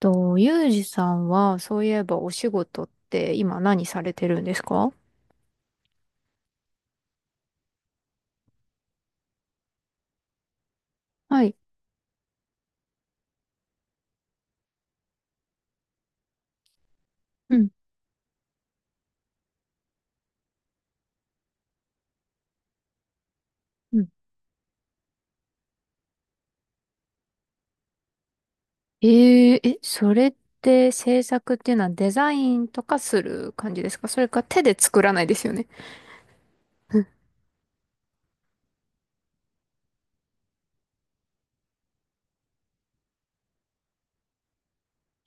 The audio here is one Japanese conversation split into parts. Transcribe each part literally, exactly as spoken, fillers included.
と、ユージさんは、そういえばお仕事って今何されてるんですか？はい。うん、うん。えー、え、それって制作っていうのはデザインとかする感じですか？それか手で作らないですよね？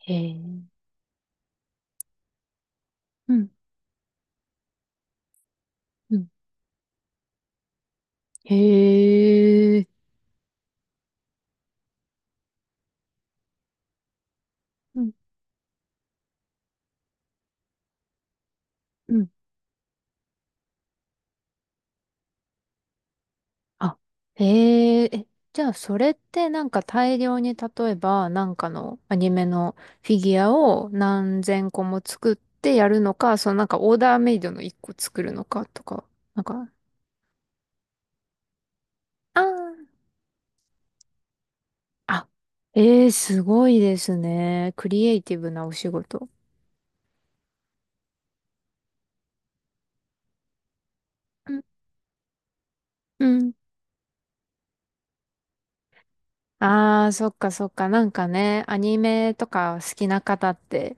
へえ。うん、うん。へえ。うん、うん。あ、へえ、え、じゃあそれってなんか大量に例えばなんかのアニメのフィギュアを何千個も作ってやるのか、そのなんかオーダーメイドの一個作るのかとか？なんか、あーあ、ええ、すごいですね。クリエイティブなお仕事。うんうん。ああ、そっかそっか。なんかね、アニメとか好きな方って、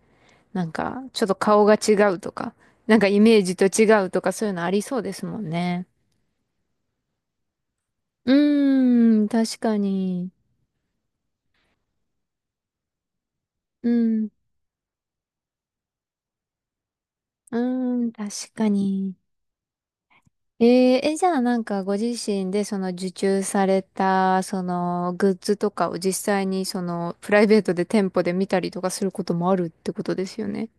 なんかちょっと顔が違うとか、なんかイメージと違うとかそういうのありそうですもんね。うーん、確かに。うん、うーん、確かに。えー、え、じゃあなんかご自身でその受注された、そのグッズとかを実際にそのプライベートで店舗で見たりとかすることもあるってことですよね？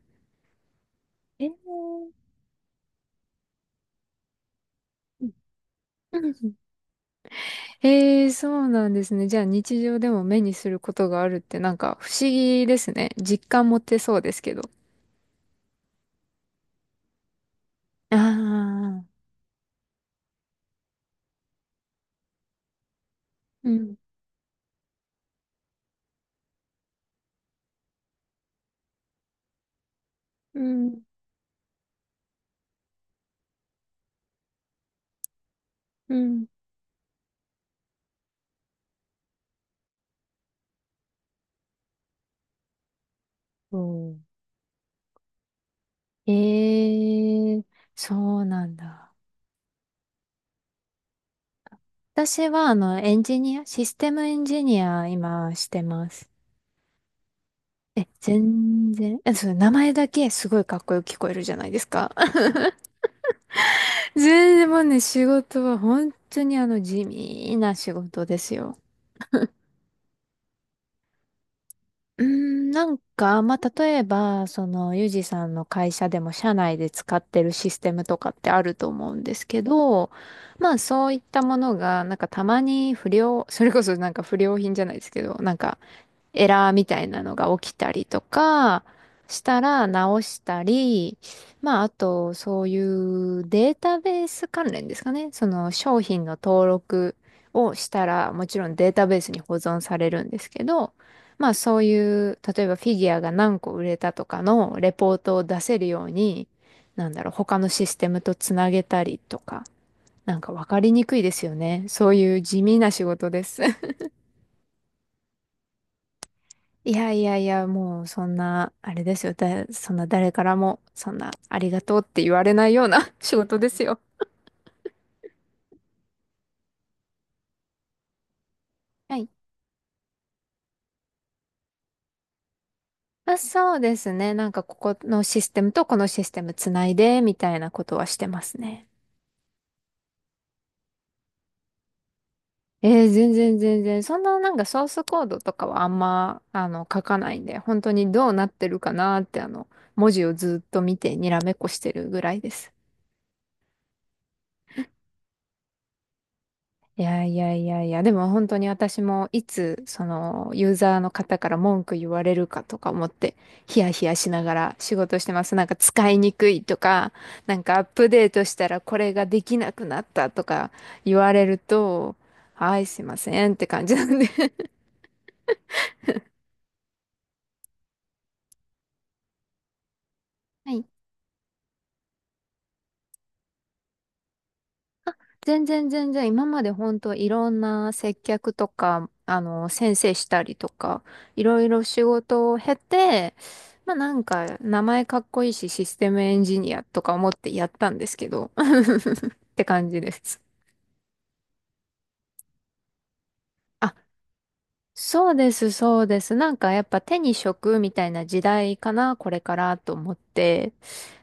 えーうんうんえー、そうなんですね。じゃあ日常でも目にすることがあるってなんか不思議ですね。実感持てそうですけど。ああ、うん、うん、うん。そうんええそうなんだ。私は、あの、エンジニア、システムエンジニア、今、してます。え、全然、え、そう、名前だけすごいかっこよく聞こえるじゃないですか。全然もうね、仕事は本当にあの、地味な仕事ですよ。うーん、なんか、まあ、例えば、その、ユージさんの会社でも社内で使ってるシステムとかってあると思うんですけど、まあ、そういったものが、なんかたまに不良、それこそなんか不良品じゃないですけど、なんか、エラーみたいなのが起きたりとかしたら直したり、まああとそういうデータベース関連ですかね。その商品の登録をしたらもちろんデータベースに保存されるんですけど、まあそういう、例えばフィギュアが何個売れたとかのレポートを出せるように、なんだろう、他のシステムとつなげたりとか、なんかわかりにくいですよね。そういう地味な仕事です。いやいやいや、もうそんな、あれですよ。だ、そんな誰からも、そんな、ありがとうって言われないような 仕事ですよ。はい。あ、そうですね。なんかここのシステムとこのシステムつないで、みたいなことはしてますね。えー、全然全然。そんななんかソースコードとかはあんま、あの、書かないんで、本当にどうなってるかなって、あの、文字をずっと見てにらめっこしてるぐらいです。いやいやいやいや、でも本当に私もいつそのユーザーの方から文句言われるかとか思ってヒヤヒヤしながら仕事してます。なんか使いにくいとか、なんかアップデートしたらこれができなくなったとか言われると、はい、すいませんって感じなんで。はい、全然全然、今まで本当いろんな接客とか、あの、先生したりとか、いろいろ仕事を経て、まあなんか、名前かっこいいし、システムエンジニアとか思ってやったんですけど、って感じです。そうです、そうです。なんかやっぱ手に職みたいな時代かな、これからと思って。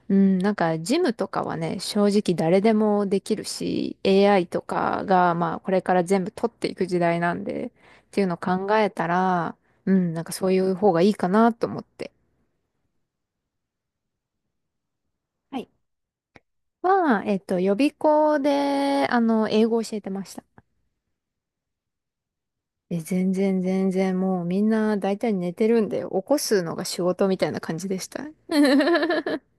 うん、なんかジムとかはね、正直誰でもできるし、エーアイ とかがまあこれから全部取っていく時代なんで、っていうのを考えたら、うん、なんかそういう方がいいかなと思って。はい。は、えっと、予備校で、あの、英語を教えてました。え、全然全然もうみんな大体寝てるんで、起こすのが仕事みたいな感じでした。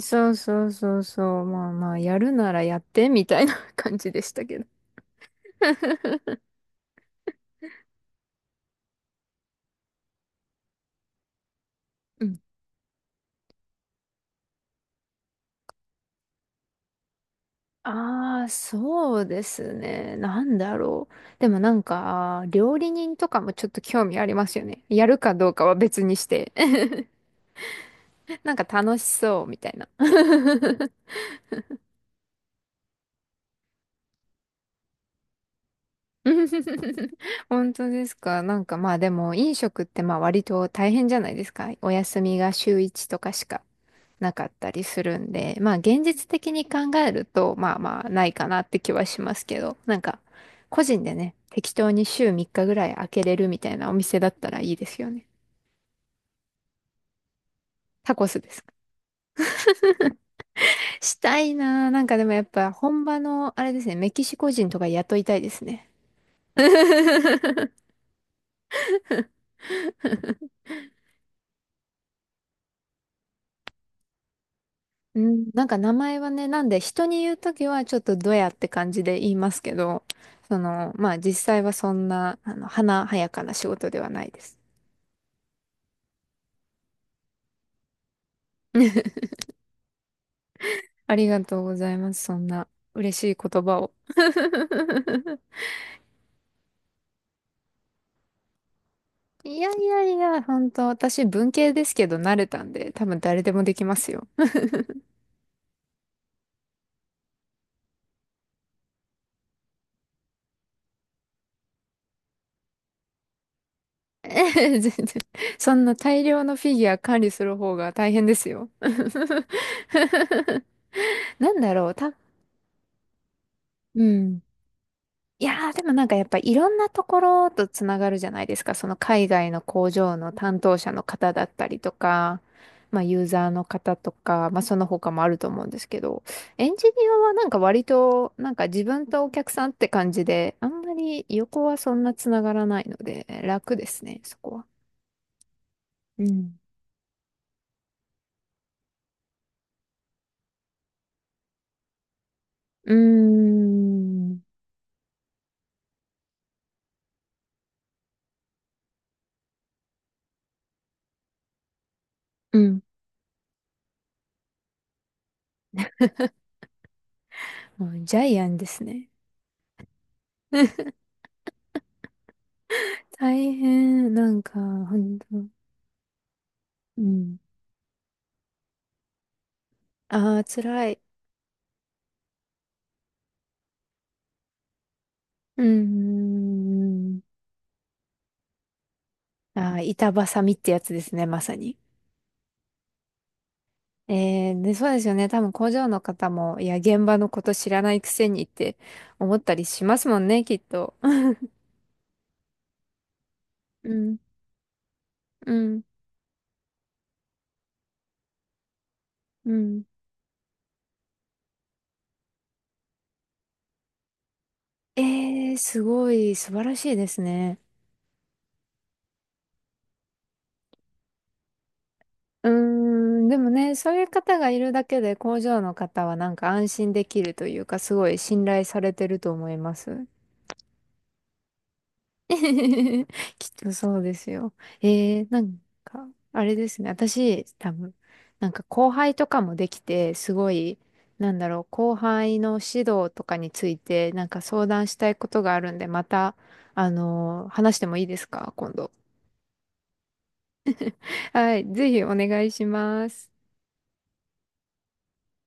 そうそうそうそう。まあまあ、やるならやってみたいな 感じでしたけど。うん。ああ、そうですね。なんだろう。でもなんか、料理人とかもちょっと興味ありますよね。やるかどうかは別にして。なんか楽しそうみたいな。本当ですか？なんかまあでも飲食ってまあ割と大変じゃないですか。お休みが週いちとかしかなかったりするんで、まあ現実的に考えると、まあまあないかなって気はしますけど、なんか個人でね、適当に週みっかぐらい開けれるみたいなお店だったらいいですよね。タコスですか？したいなぁ。なんかでもやっぱ本場の、あれですね、メキシコ人とか雇いたいですね。うん、なんか名前はね、なんで人に言うときはちょっとドヤって感じで言いますけど、その、まあ実際はそんな、あの、華やかな仕事ではないです。ありがとうございます。そんな嬉しい言葉を。いやいやいや、本当私文系ですけど慣れたんで、多分誰でもできますよ。全然。そんな大量のフィギュア管理する方が大変ですよ。なんだろう、た、うん。いやー、でもなんかやっぱいろんなところとつながるじゃないですか。その海外の工場の担当者の方だったりとか、まあユーザーの方とか、まあその他もあると思うんですけど、エンジニアはなんか割となんか自分とお客さんって感じで、あんまり横はそんなつながらないので楽ですね、そこは。うん。うーん。うん。もうジャイアンですね。大変、なんか、本当。うん。ああ、辛い。うーん。あー、板挟みってやつですね、まさに。えー、で、そうですよね。多分工場の方も、いや、現場のこと知らないくせにって思ったりしますもんね、きっと。うん、うん、うん。えー、すごい、素晴らしいですね。うーん、でもね、そういう方がいるだけで工場の方はなんか安心できるというか、すごい信頼されてると思います。きっとそうですよ。えー、なんか、あれですね。私、多分、なんか後輩とかもできて、すごい、なんだろう、後輩の指導とかについて、なんか相談したいことがあるんで、また、あのー話してもいいですか、今度？はい、ぜひお願いします。